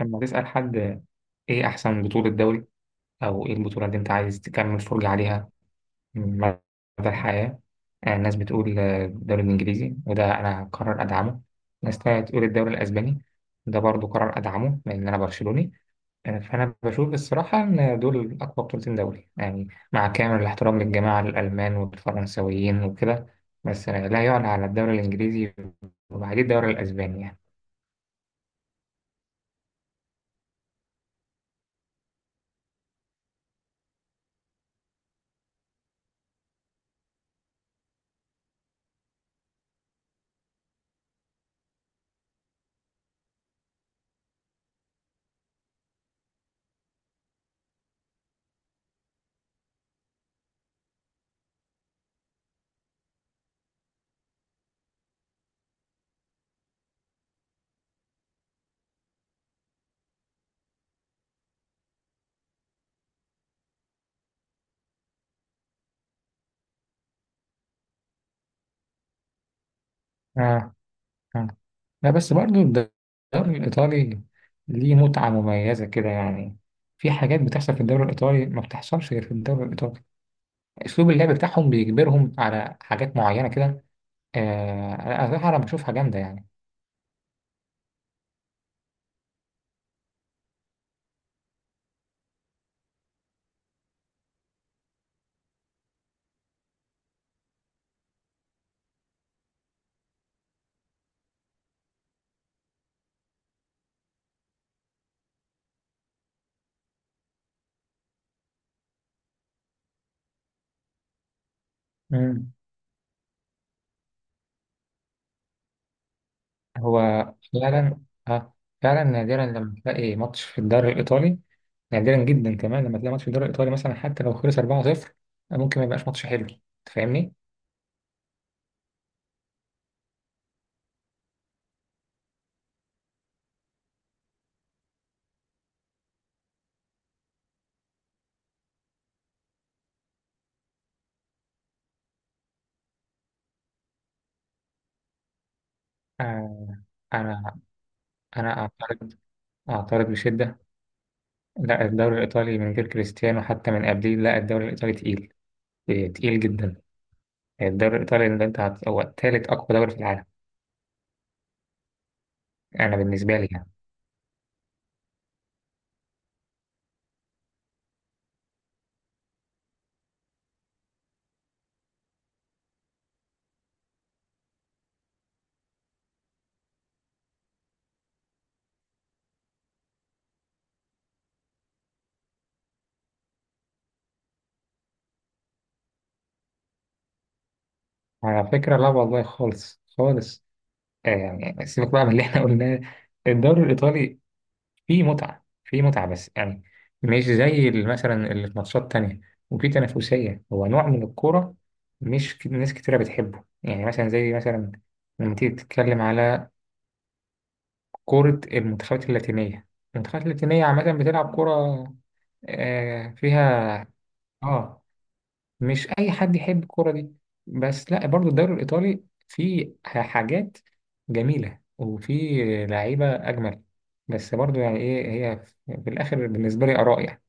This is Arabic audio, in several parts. لما تسأل حد إيه أحسن بطولة دوري، أو إيه البطولة اللي أنت عايز تكمل فرجة عليها من مدى الحياة؟ ناس بتقول الدوري الإنجليزي، وده أنا قرار أدعمه. ناس تانية تقول الدوري الأسباني، ده برضه قرار أدعمه لأن أنا برشلوني. فأنا بشوف الصراحة إن دول أقوى بطولتين دوري، يعني مع كامل الاحترام للجماعة الألمان والفرنسويين وكده. بس لا يعلى على الدوري الإنجليزي. وبعدين الدوري الأسباني يعني آه، آه. لا، بس برضو الدوري الإيطالي ليه متعة مميزة كده، يعني في حاجات بتحصل في الدوري الإيطالي ما بتحصلش غير في الدوري الإيطالي. أسلوب اللعب بتاعهم بيجبرهم على حاجات معينة كده. أنا صراحة، أنا بشوفها جامدة يعني. مم. هو فعلا، آه فعلا نادرا لما تلاقي ماتش في الدوري الإيطالي. نادرا جدا كمان لما تلاقي ماتش في الدوري الإيطالي مثلا، حتى لو خلص 4-0 ممكن ما يبقاش ماتش حلو. تفهمني؟ آه أنا أنا أعترض، أعترض بشدة. لا، الدوري الإيطالي من غير كريستيانو حتى من قبليه، لا الدوري الإيطالي تقيل. إيه، تقيل جدا. الدوري الإيطالي اللي أنت هو تالت أقوى دوري في العالم. أنا بالنسبة لي يعني. على فكرة لا والله، خالص خالص. يعني سيبك بقى من اللي إحنا قلناه. الدوري الإيطالي فيه متعة، فيه متعة، بس يعني مش زي مثلا اللي في ماتشات تانية. وفيه تنافسية، هو نوع من الكورة مش ناس كتيرة بتحبه، يعني مثلا زي مثلا لما تيجي تتكلم على كرة المنتخبات اللاتينية. المنتخبات اللاتينية عامة بتلعب كرة فيها، اه، مش أي حد يحب الكرة دي. بس لا، برضو الدوري الإيطالي فيه حاجات جميلة وفيه لعيبة أجمل. بس برضو يعني إيه هي، في الآخر بالنسبة لي آراء يعني.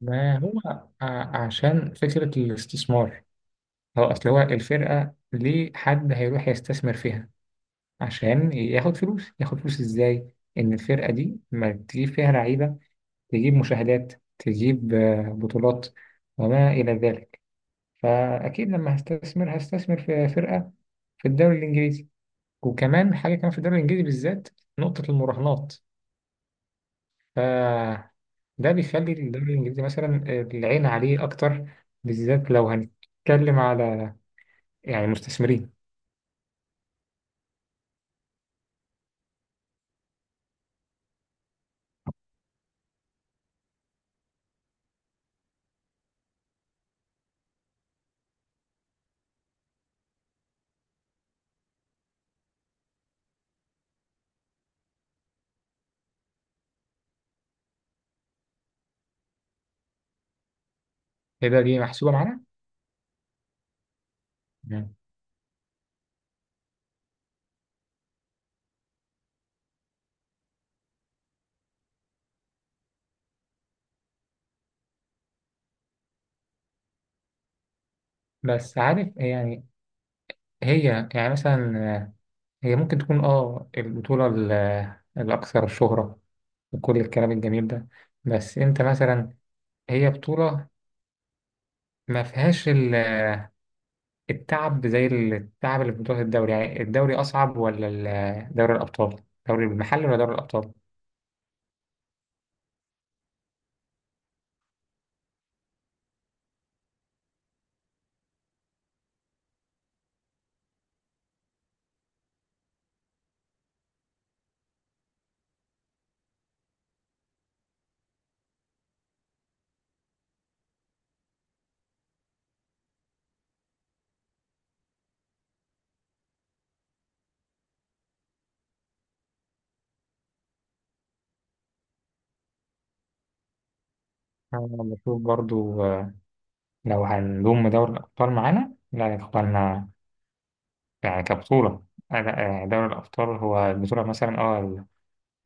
ما هو عشان فكرة الاستثمار، هو أصل هو الفرقة ليه حد هيروح يستثمر فيها؟ عشان ياخد فلوس. ياخد فلوس ازاي؟ ان الفرقه دي ما تجيب فيها لعيبه، تجيب مشاهدات، تجيب بطولات، وما الى ذلك. فاكيد لما هستثمر هستثمر في فرقه في الدوري الانجليزي. وكمان حاجه كمان في الدوري الانجليزي بالذات، نقطه المراهنات. فده بيخلي الدوري الانجليزي مثلا العين عليه اكتر، بالذات لو هنتكلم على يعني مستثمرين كده. دي محسوبه معانا. مم. بس عارف يعني، هي يعني مثلا هي ممكن تكون البطولة الأكثر شهرة وكل الكلام الجميل ده. بس أنت مثلا، هي بطولة ما فيهاش التعب زي التعب اللي في بطولة الدوري، يعني الدوري أصعب ولا دوري الأبطال؟ دوري المحلي ولا دوري الأبطال؟ أنا بشوف برضو لو هنضم دوري الأبطال معانا، لا يا إخوانا. يعني كبطولة، لا، دوري الأبطال هو البطولة مثلا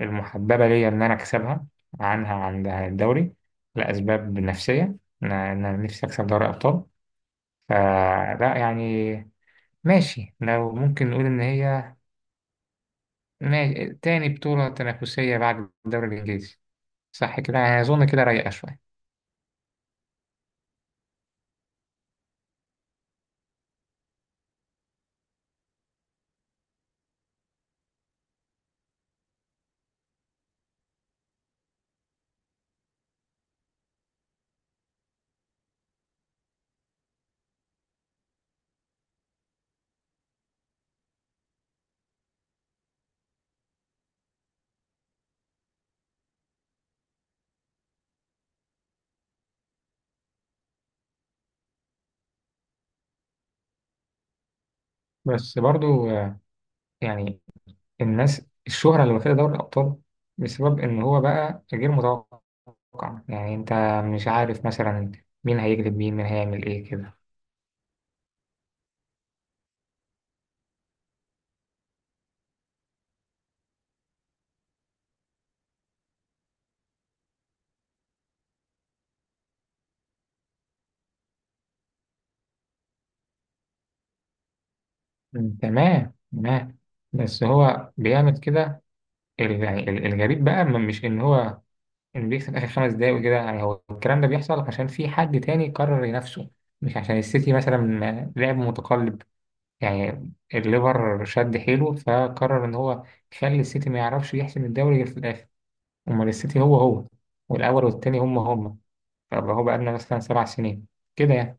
المحببة ليا إن أنا أكسبها عنها عن الدوري، لأسباب نفسية، إن أنا نفسي أكسب دوري أبطال. فلا يعني ماشي، لو ممكن نقول إن هي ماشي. تاني بطولة تنافسية بعد الدوري الإنجليزي، صح كده؟ يعني أظن كده رايقة شوية. بس برضو يعني الناس الشهرة اللي واخدة دوري الأبطال بسبب إن هو بقى غير متوقع، يعني أنت مش عارف مثلا مين هيجلب، مين هيعمل إيه كده. مم، تمام تمام. بس هو بيعمل كده يعني الغريب بقى مش ان هو ان بيكسب اخر 5 دقايق وكده، يعني هو الكلام ده بيحصل عشان في حد تاني قرر ينافسه، مش عشان السيتي مثلا لعب متقلب. يعني الليفر شد حيله فقرر ان هو يخلي السيتي ما يعرفش يحسم الدوري غير في الاخر. امال السيتي هو هو، والاول والتاني هم هم. فهو بقى لنا مثلا 7 سنين كده يعني.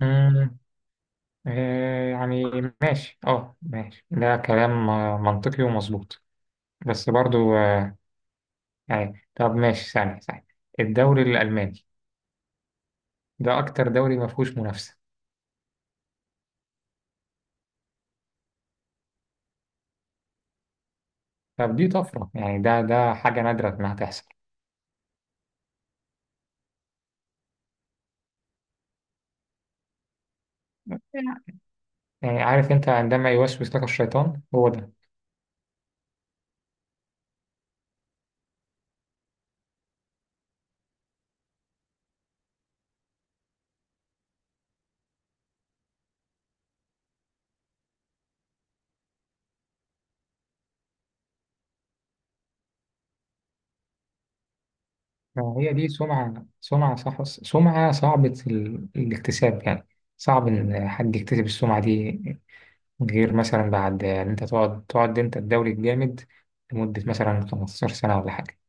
مم. يعني ماشي، ماشي، ده كلام منطقي ومظبوط. بس برضو يعني، طب ماشي، ثانية ثانية، الدوري الألماني ده أكتر دوري ما فيهوش منافسة. طب دي طفرة، يعني ده حاجة نادرة إنها تحصل. يعني عارف أنت عندما يوسوس لك الشيطان، هو ده. يعني هي دي سمعة، سمعة، صح، سمعة صعبة الاكتساب، يعني صعب إن حد يكتسب السمعة دي غير مثلا بعد، يعني انت تقعد انت الدوري الجامد لمدة مثلا 15 سنة ولا حاجة